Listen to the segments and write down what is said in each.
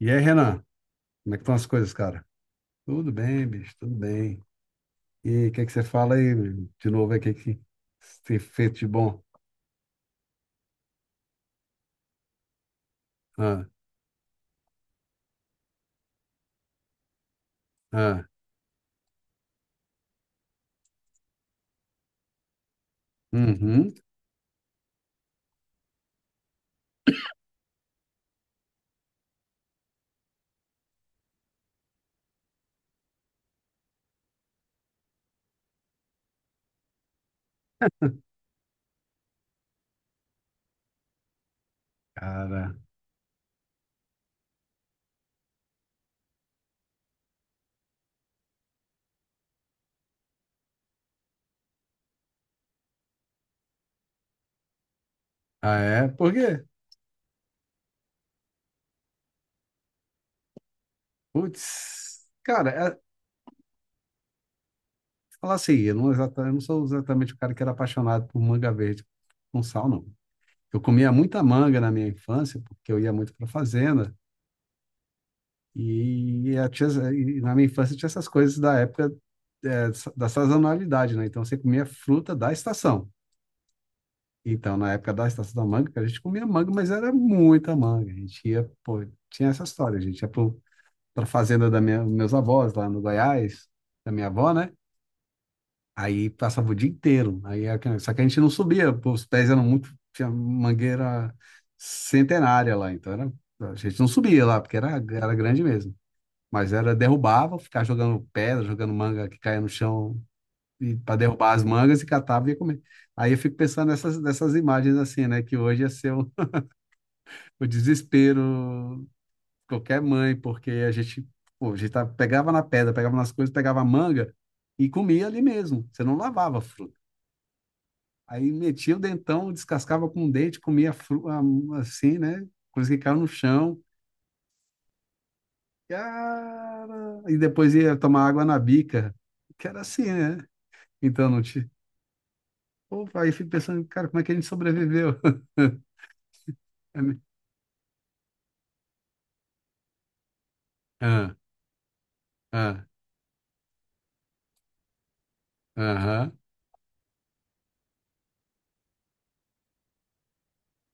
E aí, Renan, como é que estão as coisas, cara? Tudo bem, bicho, tudo bem. E aí, o que é que você fala aí, meu? De novo, aí, o que é que você fez de bom? Ah, ah, uhum, cara. Ah, é? Por quê? Putz, cara, é, falar assim, eu não, eu não sou exatamente o cara que era apaixonado por manga verde com sal, não. Eu comia muita manga na minha infância, porque eu ia muito pra fazenda. E, eu tinha, e na minha infância tinha essas coisas da época, é, da sazonalidade, né? Então você comia fruta da estação. Então, na época da estação da manga, a gente comia manga, mas era muita manga. A gente ia, pô, tinha essa história, a gente ia pra fazenda meus avós, lá no Goiás, da minha avó, né? Aí passava o dia inteiro. Aí, só que a gente não subia, pô, os pés eram muito, tinha mangueira centenária lá, então era, a gente não subia lá, porque era grande mesmo. Mas era derrubava, ficava jogando pedra, jogando manga que caía no chão e para derrubar as mangas e catava e ia comer. Aí eu fico pensando nessas imagens assim, né? Que hoje ia ser o desespero de qualquer mãe, porque a gente, pô, a gente pegava na pedra, pegava nas coisas, pegava a manga e comia ali mesmo. Você não lavava a fruta. Aí metia o dentão, descascava com o dente, comia a fruta assim, né? Coisa que caiu no chão. Cara! E depois ia tomar água na bica, que era assim, né? Então não te. Opa, aí eu fico pensando, cara, como é que a gente sobreviveu? É me- Ah, ah, aham.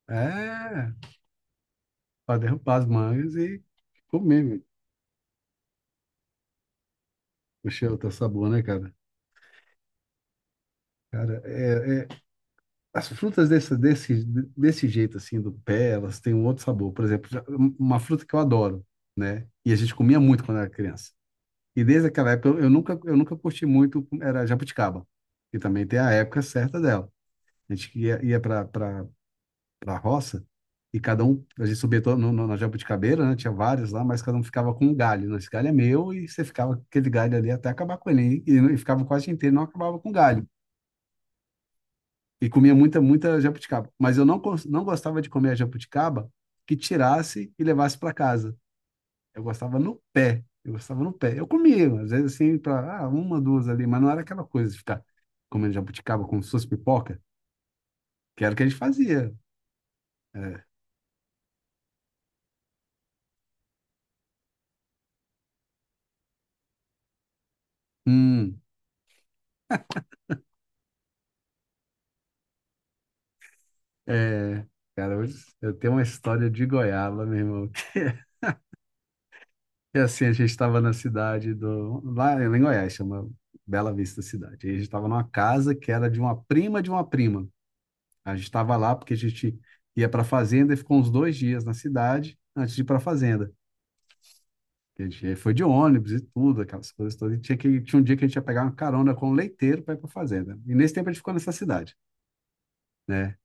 É, para derrubar as mangas e comer, meu. Poxa, tá sabor, né, cara? Cara, as frutas desse jeito, assim, do pé, elas têm um outro sabor. Por exemplo, uma fruta que eu adoro, né? E a gente comia muito quando era criança. E desde aquela época, eu nunca curti muito, era jabuticaba. E também tem a época certa dela. A gente ia para a roça, e cada um, a gente subia todo no, no, na jabuticabeira, né? Tinha vários lá, mas cada um ficava com um galho, né? Esse galho é meu, e você ficava com aquele galho ali até acabar com ele, e ficava quase inteiro, não acabava com galho. E comia muita, muita jabuticaba. Mas eu não gostava de comer a jabuticaba que tirasse e levasse para casa. Eu gostava no pé. Eu gostava no pé. Eu comia, às vezes assim, para ah, uma, duas ali, mas não era aquela coisa de ficar comendo jabuticaba como se fosse pipoca, que era o que a gente fazia. É. Hum. É, cara, hoje eu tenho uma história de goiaba, meu irmão. E assim, a gente estava na cidade do. Lá em Goiás, chama Bela Vista Cidade. E a gente estava numa casa que era de uma prima de uma prima. A gente estava lá porque a gente ia para a fazenda e ficou uns dois dias na cidade antes de ir para a fazenda. A gente foi de ônibus e tudo, aquelas coisas todas. E tinha tinha um dia que a gente ia pegar uma carona com um leiteiro para ir para a fazenda. E nesse tempo a gente ficou nessa cidade, né?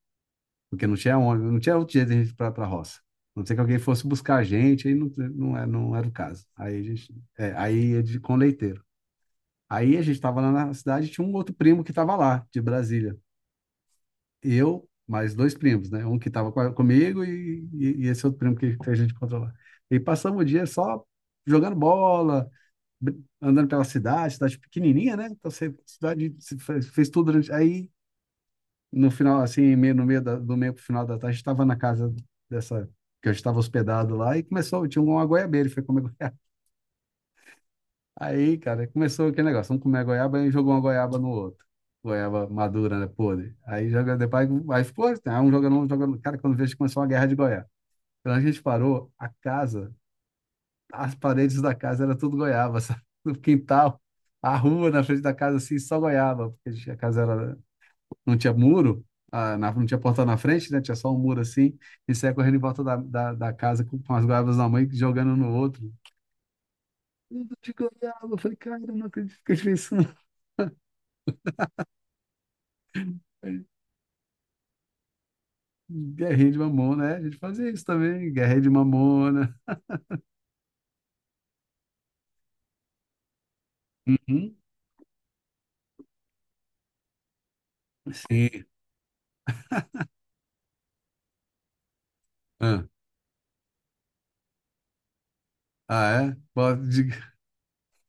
Porque não tinha onde, não tinha outro jeito de a gente ir para a roça. A não ser que alguém fosse buscar a gente, aí não, não, é, não era o caso. Aí a gente, é, aí é de, com leiteiro. Aí a gente estava lá na cidade, tinha um outro primo que estava lá, de Brasília. Eu, mais dois primos, né? Um que estava comigo e esse outro primo que a gente encontrou lá. E passamos o dia só jogando bola, andando pela cidade, cidade pequenininha, né? Então, você, cidade, você fez, fez tudo durante... Aí no final, assim, no meio do meio pro final da tarde, estava na casa dessa, que eu estava hospedado lá, e começou, tinha uma goiabeira, ele foi comer goiaba. Aí, cara, começou aquele negócio, vamos comer goiaba, e jogou uma goiaba no outro. Goiaba madura, né, podre. Aí joga, depois, aí ficou, né, um jogando, um jogando. Cara, quando vejo, começou uma guerra de goiaba. Quando a gente parou, a casa, as paredes da casa era tudo goiaba, sabe? No quintal, a rua na frente da casa, assim, só goiaba, porque a casa era, não tinha muro, não tinha porta na frente, né? Tinha só um muro assim. E saía correndo em volta da casa com as guardas na mãe jogando no outro. Tudo de goiaba. Eu falei, cara, eu não acredito que eu fiz isso. Não. Guerrinha de mamona, né? A gente fazia isso também, guerrinha de mamona. Uhum. Sim. Ah, ah, é? Bota de...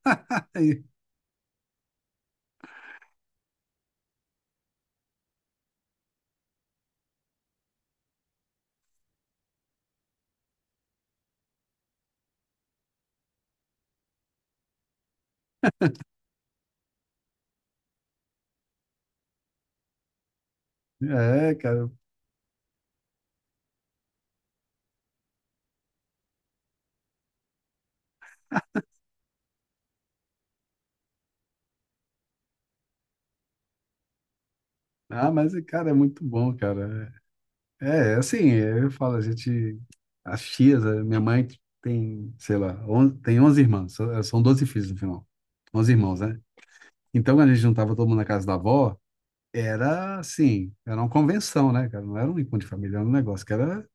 É, cara. Ah, mas, cara, é muito bom, cara. É. É, assim, eu falo, a gente, as tias, a minha mãe tem, sei lá, tem 11 irmãs, são 12 filhos no final, 11 irmãos, né? Então, quando a gente juntava todo mundo na casa da avó, era assim, era uma convenção, né, cara? Não era um encontro de família, era um negócio que era,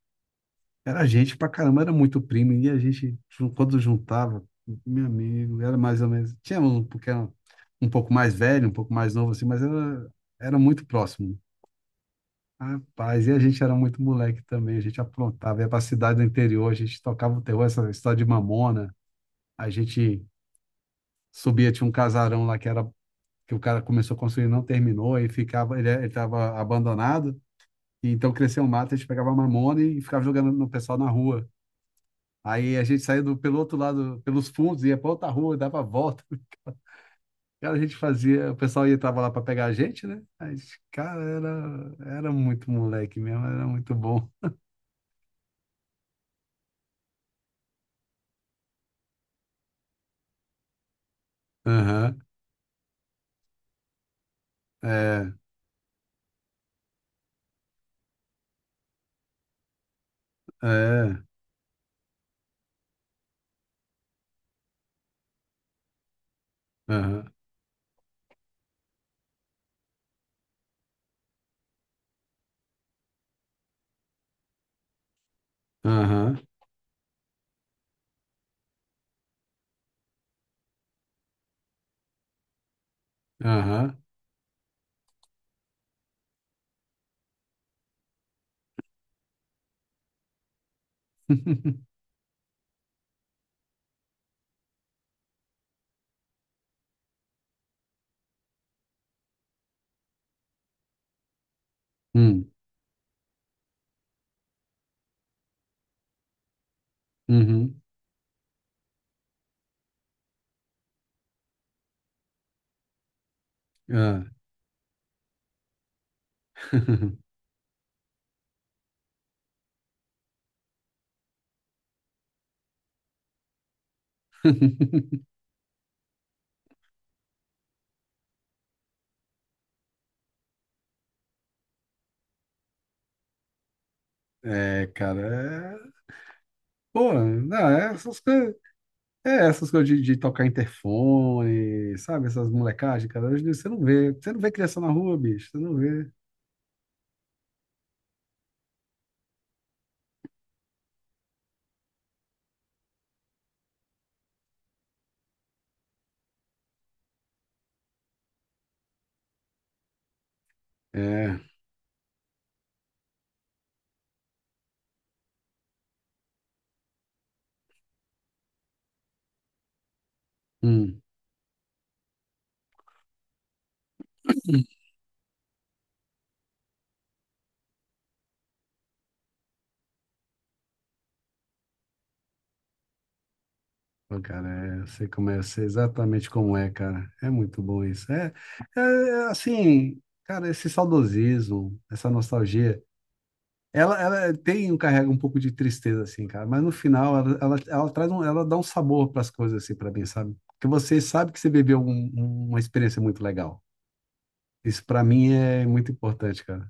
era gente pra caramba, era muito primo, e a gente, quando juntava, meu amigo, era mais ou menos, tínhamos um, porque era um pouco mais velho, um pouco mais novo, assim, mas era, era muito próximo. Rapaz, e a gente era muito moleque também, a gente aprontava, ia pra cidade do interior, a gente tocava o terror, essa história de mamona, a gente subia, tinha um casarão lá que era, que o cara começou a construir e não terminou, e ficava, ele tava abandonado, e então cresceu um mato, a gente pegava mamona e ficava jogando no pessoal na rua. Aí a gente saía do, pelo outro lado, pelos fundos, ia pra outra rua, dava a volta. Cara, a gente fazia, o pessoal ia, tava lá pra pegar a gente, né? A gente, cara, era muito moleque mesmo, era muito bom. Aham, é. É, aham, aham, aham. Hum, uhum, ah. É, cara, é... Pô, não, é essas coisas de tocar interfone, sabe? Essas molecagens, cara, hoje em dia você não vê criança na rua, bicho, você não vê. É, hum. Pô, cara, é, eu, sei como é, eu sei exatamente como é, cara. É muito bom isso. É, é assim, cara, esse saudosismo, essa nostalgia. Ela tem, carrega um pouco de tristeza, assim, cara, mas no final ela traz ela dá um sabor para as coisas, assim, para mim, sabe? Porque você sabe que você viveu uma experiência muito legal. Isso para mim é muito importante, cara.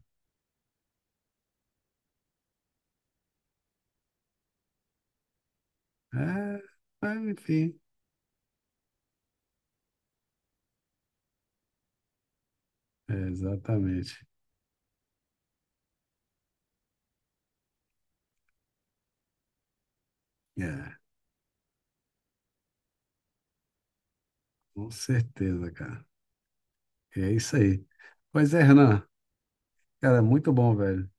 É, é, enfim, é, exatamente. É, com certeza, cara. É isso aí. Pois é, Renan, cara, muito bom, velho.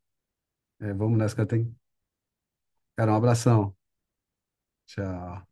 É, vamos nessa, cara. Tem... Cara, um abração. Tchau.